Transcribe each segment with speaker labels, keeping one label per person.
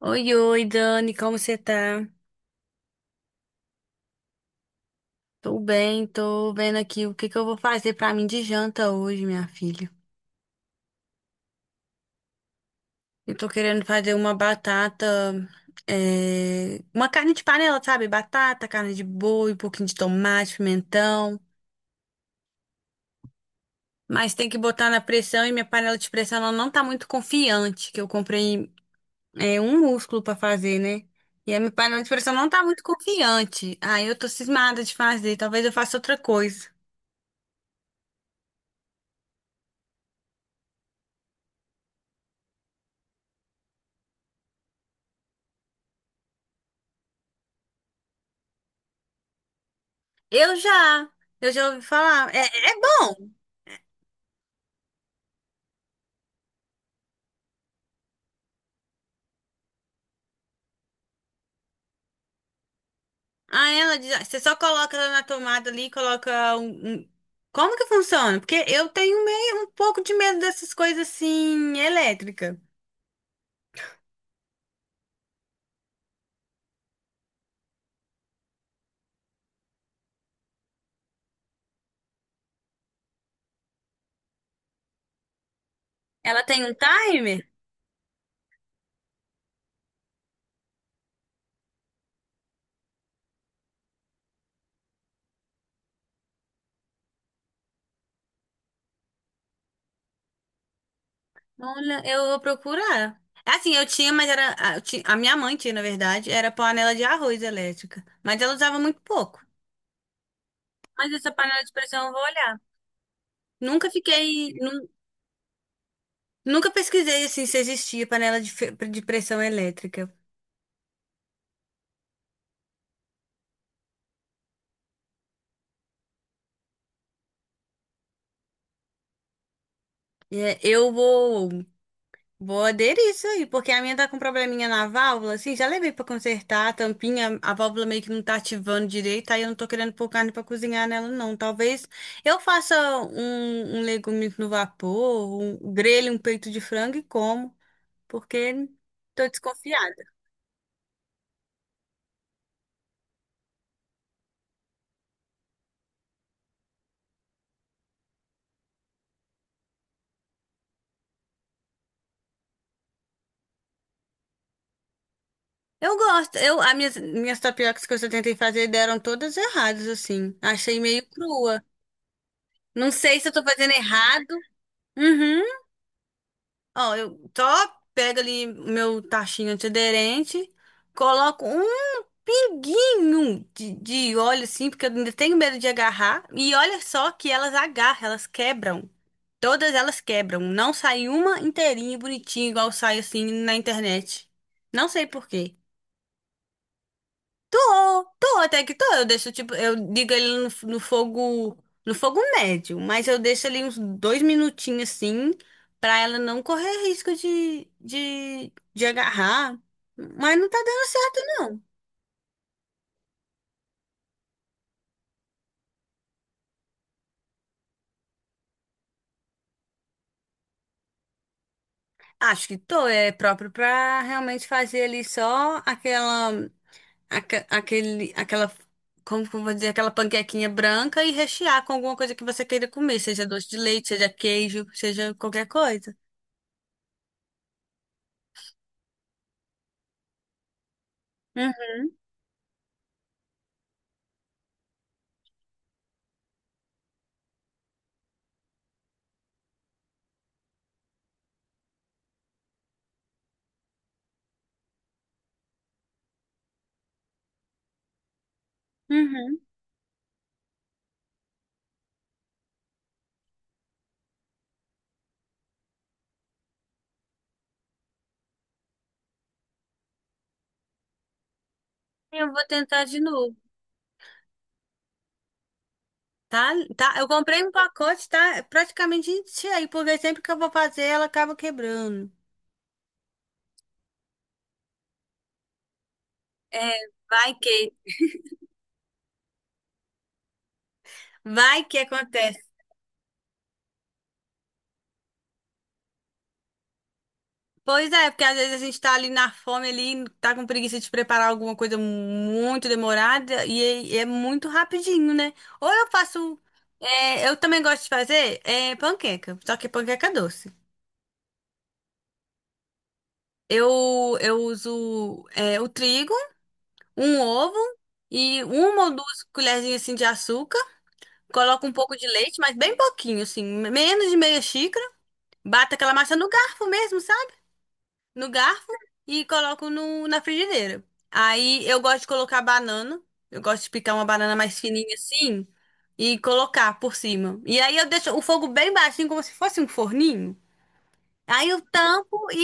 Speaker 1: Oi, oi, Dani, como você tá? Tô bem, tô vendo aqui o que que eu vou fazer pra mim de janta hoje, minha filha. Eu tô querendo fazer uma batata, uma carne de panela, sabe? Batata, carne de boi, um pouquinho de tomate, pimentão. Mas tem que botar na pressão e minha panela de pressão ela não tá muito confiante, que eu comprei, um músculo pra fazer, né? E a minha panela de pressão não tá muito confiante. Aí eu tô cismada de fazer, talvez eu faça outra coisa. Eu já, eu já ouvi falar. É, é bom. Aí ela diz, ah, você só coloca ela na tomada ali, como que funciona? Porque eu tenho meio um pouco de medo dessas coisas assim, elétrica. Ela tem um timer? Olha, eu vou procurar. Assim, eu tinha, mas era. A minha mãe tinha, na verdade, era panela de arroz elétrica. Mas ela usava muito pouco. Mas essa panela de pressão eu vou olhar. Nunca fiquei. Nun- Nunca pesquisei assim se existia panela de pressão elétrica. É, eu vou aderir isso aí, porque a minha tá com probleminha na válvula, assim, já levei pra consertar a tampinha, a válvula meio que não tá ativando direito, aí eu não tô querendo pôr carne pra cozinhar nela, não. Talvez eu faça um legume no vapor, um grelho, um peito de frango e como, porque tô desconfiada. Eu gosto, as minhas tapiocas que eu tentei fazer deram todas erradas, assim, achei meio crua. Não sei se eu tô fazendo errado. Uhum. Ó, eu só pego ali o meu tachinho antiaderente, coloco um pinguinho de óleo, assim, porque eu ainda tenho medo de agarrar. E olha só que elas agarram, elas quebram. Todas elas quebram. Não sai uma inteirinha, bonitinha, igual sai assim na internet. Não sei por quê. Tô, tô, até que tô. Eu deixo, tipo, eu digo ele no fogo médio, mas eu deixo ali uns 2 minutinhos assim, pra ela não correr risco de agarrar. Mas não tá dando certo, não. Acho que tô, é próprio pra realmente fazer ali só aquela, como que eu vou dizer, aquela panquequinha branca e rechear com alguma coisa que você queira comer, seja doce de leite, seja queijo, seja qualquer coisa. Uhum, uhum. Eu vou tentar de novo. Tá, tá. Eu comprei um pacote, tá. É praticamente cheio, porque sempre que eu vou fazer, ela acaba quebrando. É, vai que, vai que acontece. Pois é, porque às vezes a gente tá ali na fome ali, tá com preguiça de preparar alguma coisa muito demorada e é muito rapidinho, né? Ou eu faço, eu também gosto de fazer panqueca, só que panqueca doce. Eu uso o trigo. Um ovo e uma ou 2 colherzinhas assim de açúcar. Coloca um pouco de leite, mas bem pouquinho, assim, menos de meia xícara. Bata aquela massa no garfo mesmo, sabe? No garfo e coloco no, na frigideira. Aí eu gosto de colocar banana. Eu gosto de picar uma banana mais fininha assim e colocar por cima. E aí eu deixo o fogo bem baixinho, como se fosse um forninho. Aí eu tampo e,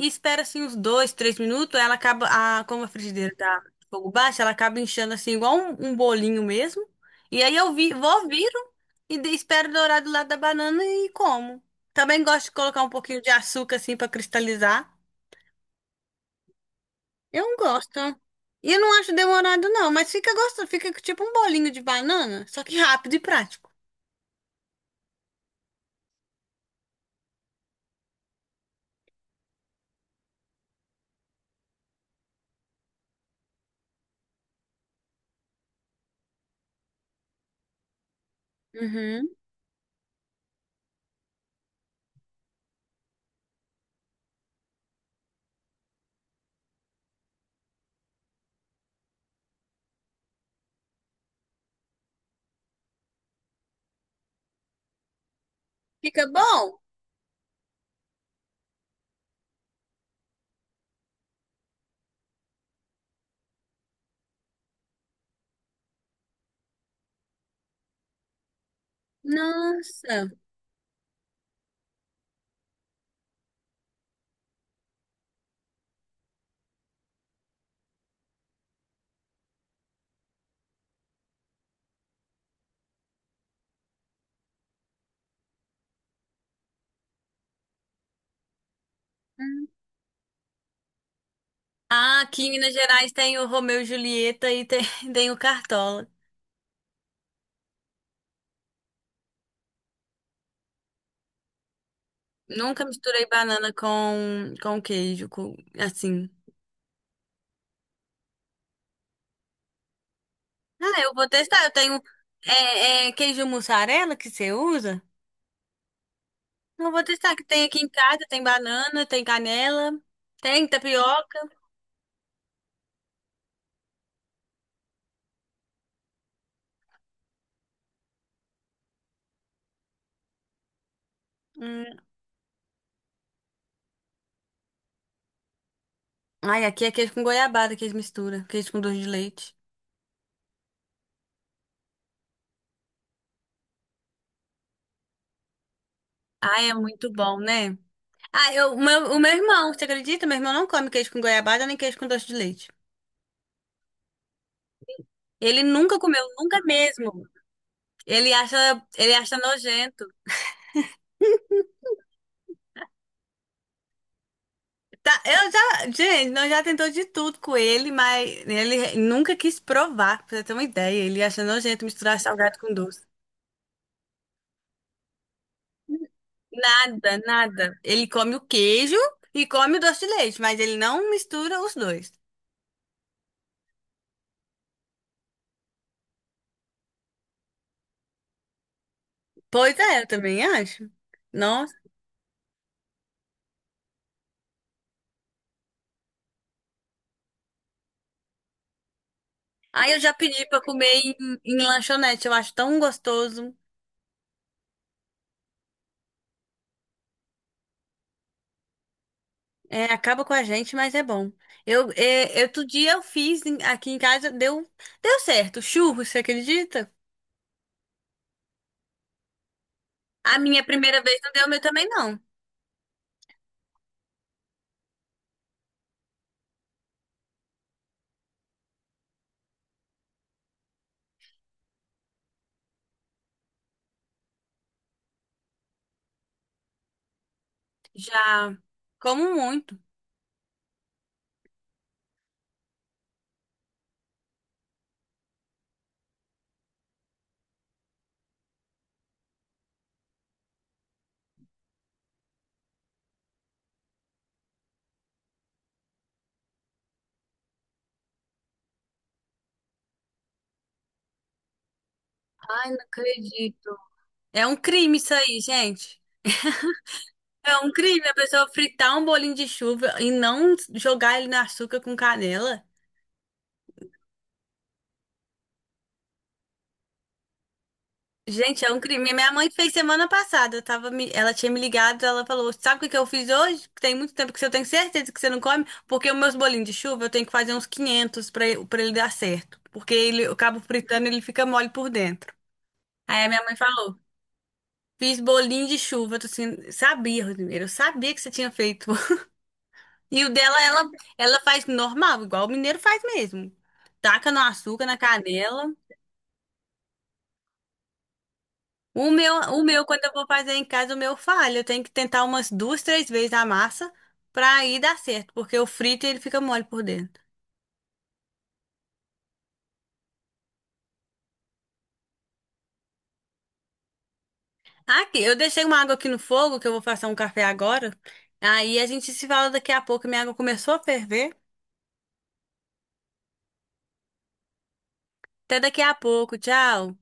Speaker 1: e, e espero assim uns 2, 3 minutos. Ela acaba, a, como a frigideira tá de fogo baixo, ela acaba inchando assim, igual um bolinho mesmo. E aí eu viro e espero dourar do lado da banana e como. Também gosto de colocar um pouquinho de açúcar assim pra cristalizar. Eu gosto. E eu não acho demorado não, mas fica gostoso, fica tipo um bolinho de banana, só que rápido e prático. Uhum. Fica bom? Nossa. Ah, aqui em Minas Gerais tem o Romeu e Julieta e tem, tem o Cartola. Nunca misturei banana com queijo, assim. Ah, eu vou testar. Eu tenho queijo mussarela que você usa? Eu vou testar, que tem aqui em casa, tem banana, tem canela, tem tapioca. Hum. Ai, aqui é queijo com goiabada que eles misturam, queijo com doce de leite. Ai, é muito bom, né? Ah, o meu irmão, você acredita? Meu irmão não come queijo com goiabada nem queijo com doce de leite. Ele nunca comeu, nunca mesmo. Ele acha, ele acha nojento. Tá, gente, nós já tentou de tudo com ele, mas ele nunca quis provar, pra você ter uma ideia. Ele acha nojento misturar salgado com doce. Nada, nada. Ele come o queijo e come o doce de leite, mas ele não mistura os dois. Pois é, eu também acho. Nossa. Aí eu já pedi pra comer em lanchonete, eu acho tão gostoso. É, acaba com a gente, mas é bom. Outro dia eu fiz aqui em casa, deu certo. Churros, você acredita? A minha primeira vez não deu, o meu também não. Já como muito. Ai, não acredito. É um crime isso aí, gente. É um crime a pessoa fritar um bolinho de chuva e não jogar ele no açúcar com canela. Gente, é um crime. Minha mãe fez semana passada. Eu tava me... Ela tinha me ligado, ela falou: Sabe o que que eu fiz hoje? Tem muito tempo que você- eu tenho certeza que você não come, porque os meus bolinhos de chuva eu tenho que fazer uns 500 pra ele dar certo. Porque ele, eu cabo fritando e ele fica mole por dentro. Aí a minha mãe falou: Fiz bolinho de chuva. Eu tô assim: Sabia, Rodrigo, eu sabia que você tinha feito. E o dela, ela faz normal, igual o mineiro faz mesmo. Taca no açúcar, na canela. O meu, quando eu vou fazer em casa, o meu falha. Eu tenho que tentar umas duas, três vezes a massa pra aí dar certo, porque o frito ele fica mole por dentro. Aqui, eu deixei uma água aqui no fogo, que eu vou fazer um café agora. Aí a gente se fala daqui a pouco. Minha água começou a ferver. Até daqui a pouco. Tchau.